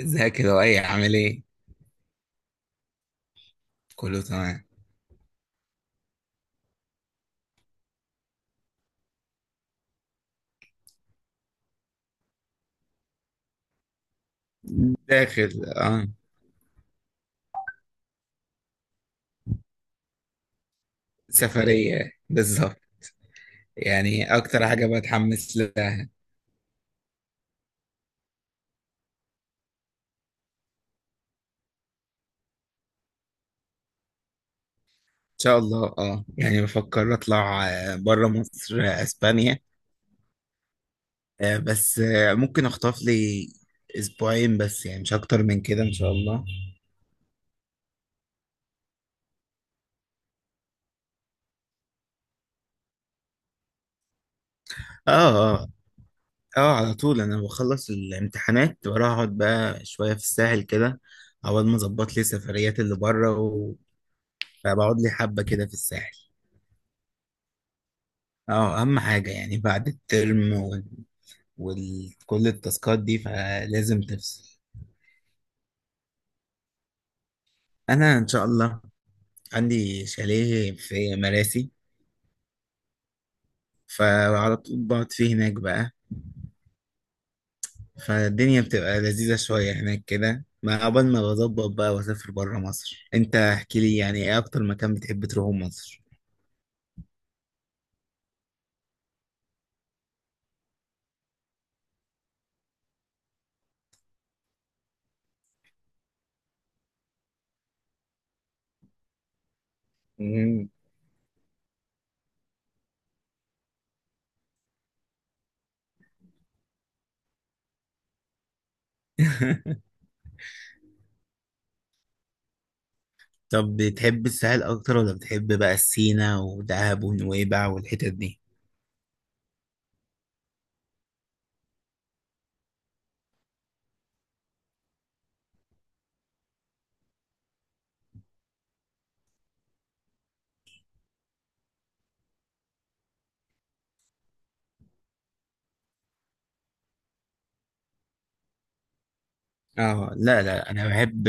ازيك يا لؤي؟ عامل ايه؟ كله تمام. داخل. اه. سفرية بالظبط. يعني أكتر حاجة بتحمس لها إن شاء الله، اه، يعني بفكر أطلع بره مصر، أسبانيا. بس ممكن أخطف لي أسبوعين بس، يعني مش أكتر من كده إن شاء الله. اه اه. اه، على طول أنا بخلص الامتحانات وأروح أقعد بقى شوية في الساحل كده. أول ما أظبط لي سفريات اللي بره، وبقعد لي حبة كده في الساحل. اه، اهم حاجة يعني بعد الترم وكل التاسكات دي، فلازم تفصل. انا ان شاء الله عندي شاليه في مراسي، فعلى طول بقعد فيه هناك بقى. فالدنيا بتبقى لذيذة شوية هناك كده، ما قبل ما بظبط بقى واسافر برا مصر. انت احكي لي يعني ايه اكتر مكان بتحب تروحه مصر؟ مم. طب بتحب الساحل اكتر ولا بتحب بقى السينا ودهب ونويبع والحتت دي؟ اه، لا لا، انا بحب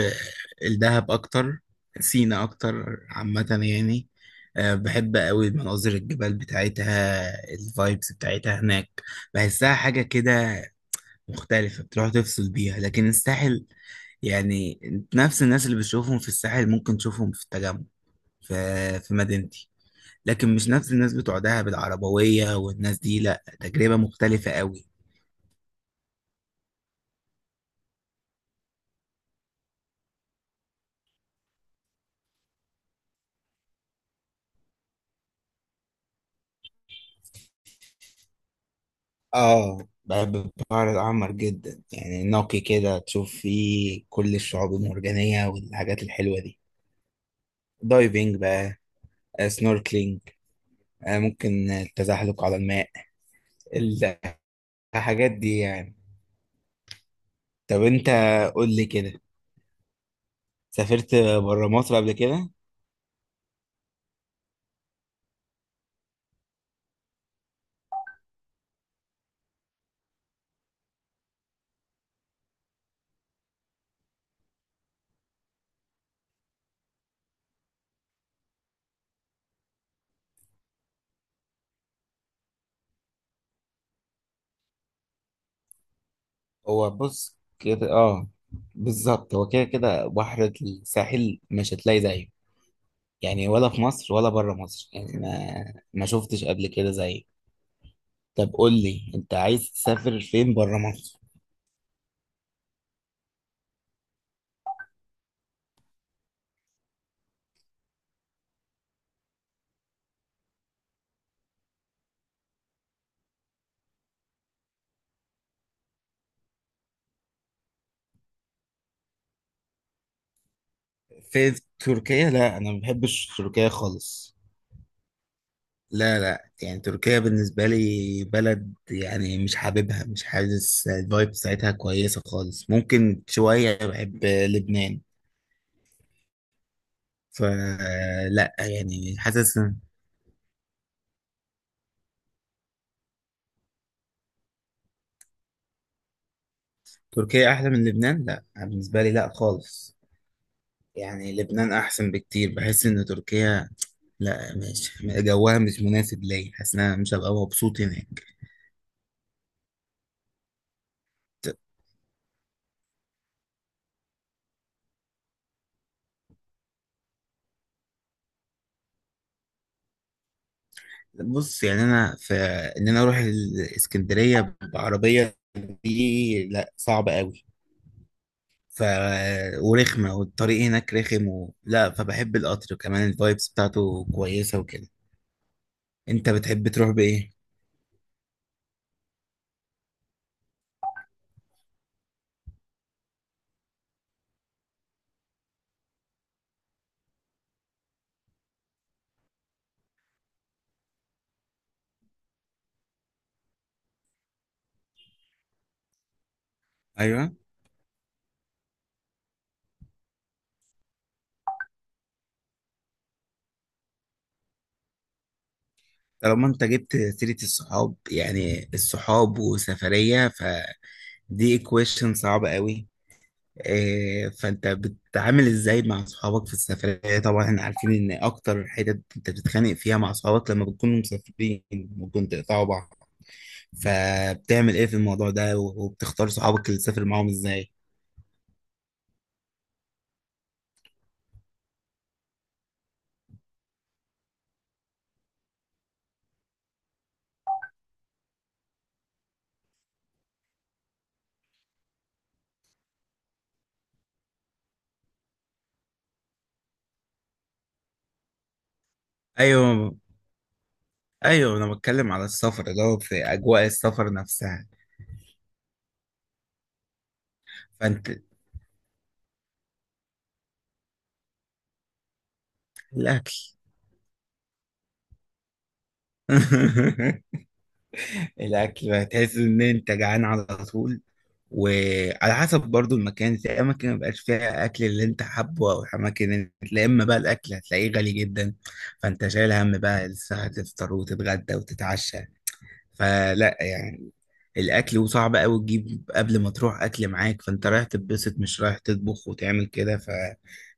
الدهب اكتر، سينا اكتر عامة يعني. بحب قوي مناظر الجبال بتاعتها، الفايبس بتاعتها هناك، بحسها حاجة كده مختلفة، بتروح تفصل بيها. لكن الساحل يعني نفس الناس اللي بتشوفهم في الساحل ممكن تشوفهم في التجمع، في في مدينتي. لكن مش نفس الناس بتوع دهب العربوية والناس دي، لا، تجربة مختلفة قوي. اه، بحب البحر الأحمر جدا، يعني نقي كده تشوف فيه كل الشعاب المرجانية والحاجات الحلوة دي. دايفنج بقى، سنوركلينج، ممكن التزحلق على الماء، الحاجات دي يعني. طب انت قول لي كده، سافرت بره مصر قبل كده؟ هو بص كده، اه، بالظبط، هو كده كده بحر الساحل مش هتلاقي زيه، يعني ولا في مصر ولا بره مصر، يعني ما شفتش قبل كده زيه. طب قول لي انت عايز تسافر فين بره مصر؟ في تركيا؟ لا، انا ما بحبش تركيا خالص. لا لا، يعني تركيا بالنسبه لي بلد يعني مش حاببها، مش حاسس الفايب بتاعتها كويسه خالص. ممكن شويه بحب لبنان، فلا، يعني حاسس ان تركيا احلى من لبنان؟ لا، بالنسبه لي لا خالص، يعني لبنان احسن بكتير. بحس ان تركيا لا، مش جوها مش مناسب ليا، حاسس ان انا مش هبقى مبسوط هناك. بص يعني انا في ان انا اروح الاسكندريه بعربيه، دي لا، صعب قوي. ف ورخمه، والطريق هناك رخم لا، فبحب القطر كمان، الفايبس بتاعته كويسه وكده. انت بتحب تروح بايه؟ ايوه. طالما انت جبت سيره الصحاب، يعني الصحاب وسفريه، فدي equation صعبه قوي. إيه، فانت بتتعامل ازاي مع اصحابك في السفرية؟ طبعا احنا عارفين ان اكتر حتت انت بتتخانق فيها مع اصحابك لما بتكونوا مسافرين، ممكن تقطعوا بعض. فبتعمل ايه في الموضوع ده، وبتختار صحابك اللي تسافر معاهم ازاي؟ ايوه ايوه، انا بتكلم على السفر اللي هو في اجواء السفر نفسها. فانت الاكل. الاكل بقى، تحس ان انت جعان على طول، وعلى حسب برضو المكان. في اماكن ما بقاش فيها اكل اللي انت حابه، او اماكن لا، اما بقى الاكل هتلاقيه غالي جدا، فانت شايل هم بقى لسه هتفطر وتتغدى وتتعشى. فلا، يعني الاكل، وصعب قوي تجيب قبل ما تروح اكل معاك، فانت رايح تتبسط، مش رايح تطبخ وتعمل كده.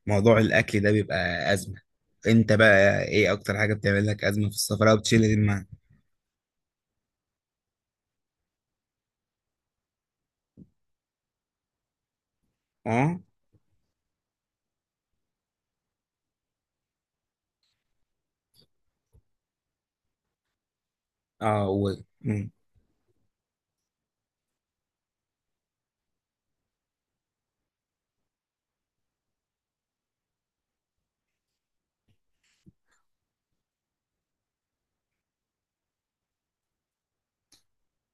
فموضوع الاكل ده بيبقى ازمه. انت بقى ايه اكتر حاجه بتعمل لك ازمه في السفر او بتشيل المعنى؟ اه اه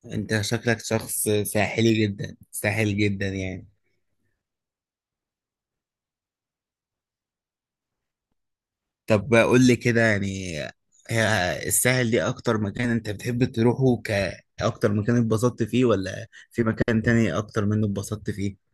انت شكلك شخص ساحلي جدا، ساحل جدا يعني. طب قول لي كده يعني، الساحل دي اكتر مكان انت بتحب تروحه؟ اكتر مكان اتبسطت فيه، ولا في مكان تاني اكتر منه اتبسطت فيه؟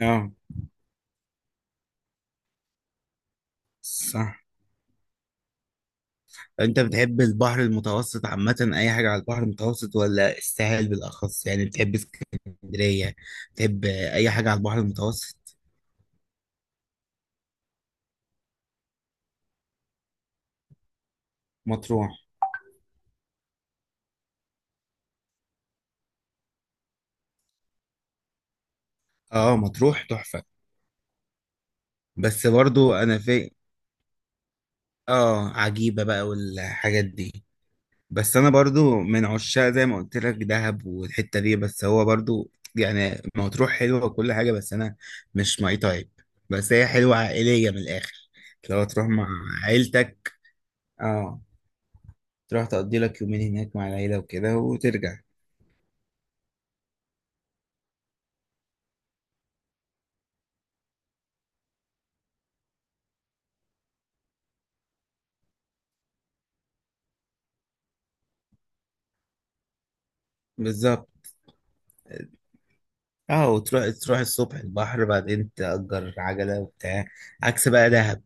اه. صح. انت بتحب البحر المتوسط عامة، اي حاجة على البحر المتوسط، ولا الساحل بالاخص؟ يعني بتحب اسكندرية؟ بتحب اي حاجة على البحر المتوسط؟ مطروح. اه، مطروح تحفة. بس برضو انا في، اه، عجيبة بقى والحاجات دي. بس انا برضو من عشاق، زي ما قلت لك، دهب والحته دي. بس هو برضو يعني مطروح حلوه وكل حاجه، بس انا مش ماي تايب. بس هي حلوه عائليه من الاخر. لو تروح مع عيلتك، اه، تروح تقضي لك يومين هناك مع العيله وكده وترجع. بالظبط. اه، وتروح تروح الصبح البحر، بعدين تأجر عجله وبتاع. عكس بقى دهب،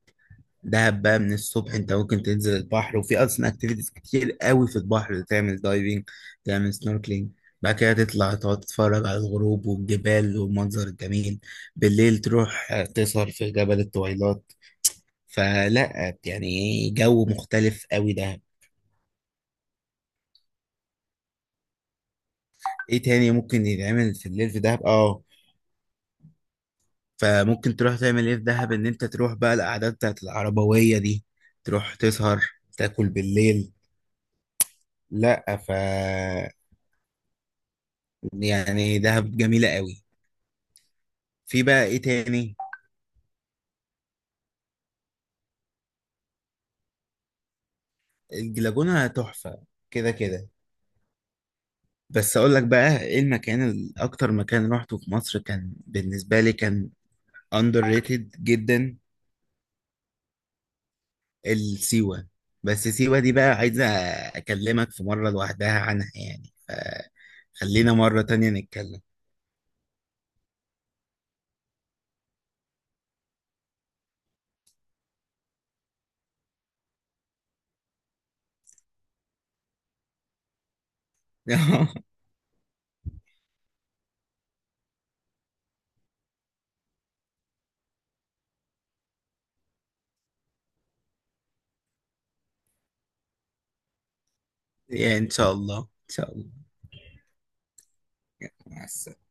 دهب بقى من الصبح انت ممكن تنزل البحر، وفي اصلا اكتيفيتيز كتير قوي في البحر، تعمل دايفنج، تعمل سنوركلينج، بعد كده تطلع تقعد تتفرج على الغروب والجبال والمنظر الجميل. بالليل تروح تسهر في جبل الطويلات. فلا، يعني جو مختلف قوي دهب. ايه تاني ممكن يتعمل في الليل في دهب؟ اه، فممكن تروح تعمل ايه في دهب، ان انت تروح بقى القعدات بتاعت العربوية دي، تروح تسهر، تاكل بالليل. لا، يعني دهب جميلة قوي. في بقى ايه تاني؟ الجلاجونة تحفة كده كده. بس اقول لك بقى ايه المكان، اكتر مكان روحته في مصر كان بالنسبة لي، كان اندر ريتد جدا. السيوة. بس سيوة دي بقى عايزة اكلمك في مرة لوحدها عنها يعني، فخلينا مرة تانية نتكلم. يعني ان شاء الله، ان شاء الله. مع السلامة.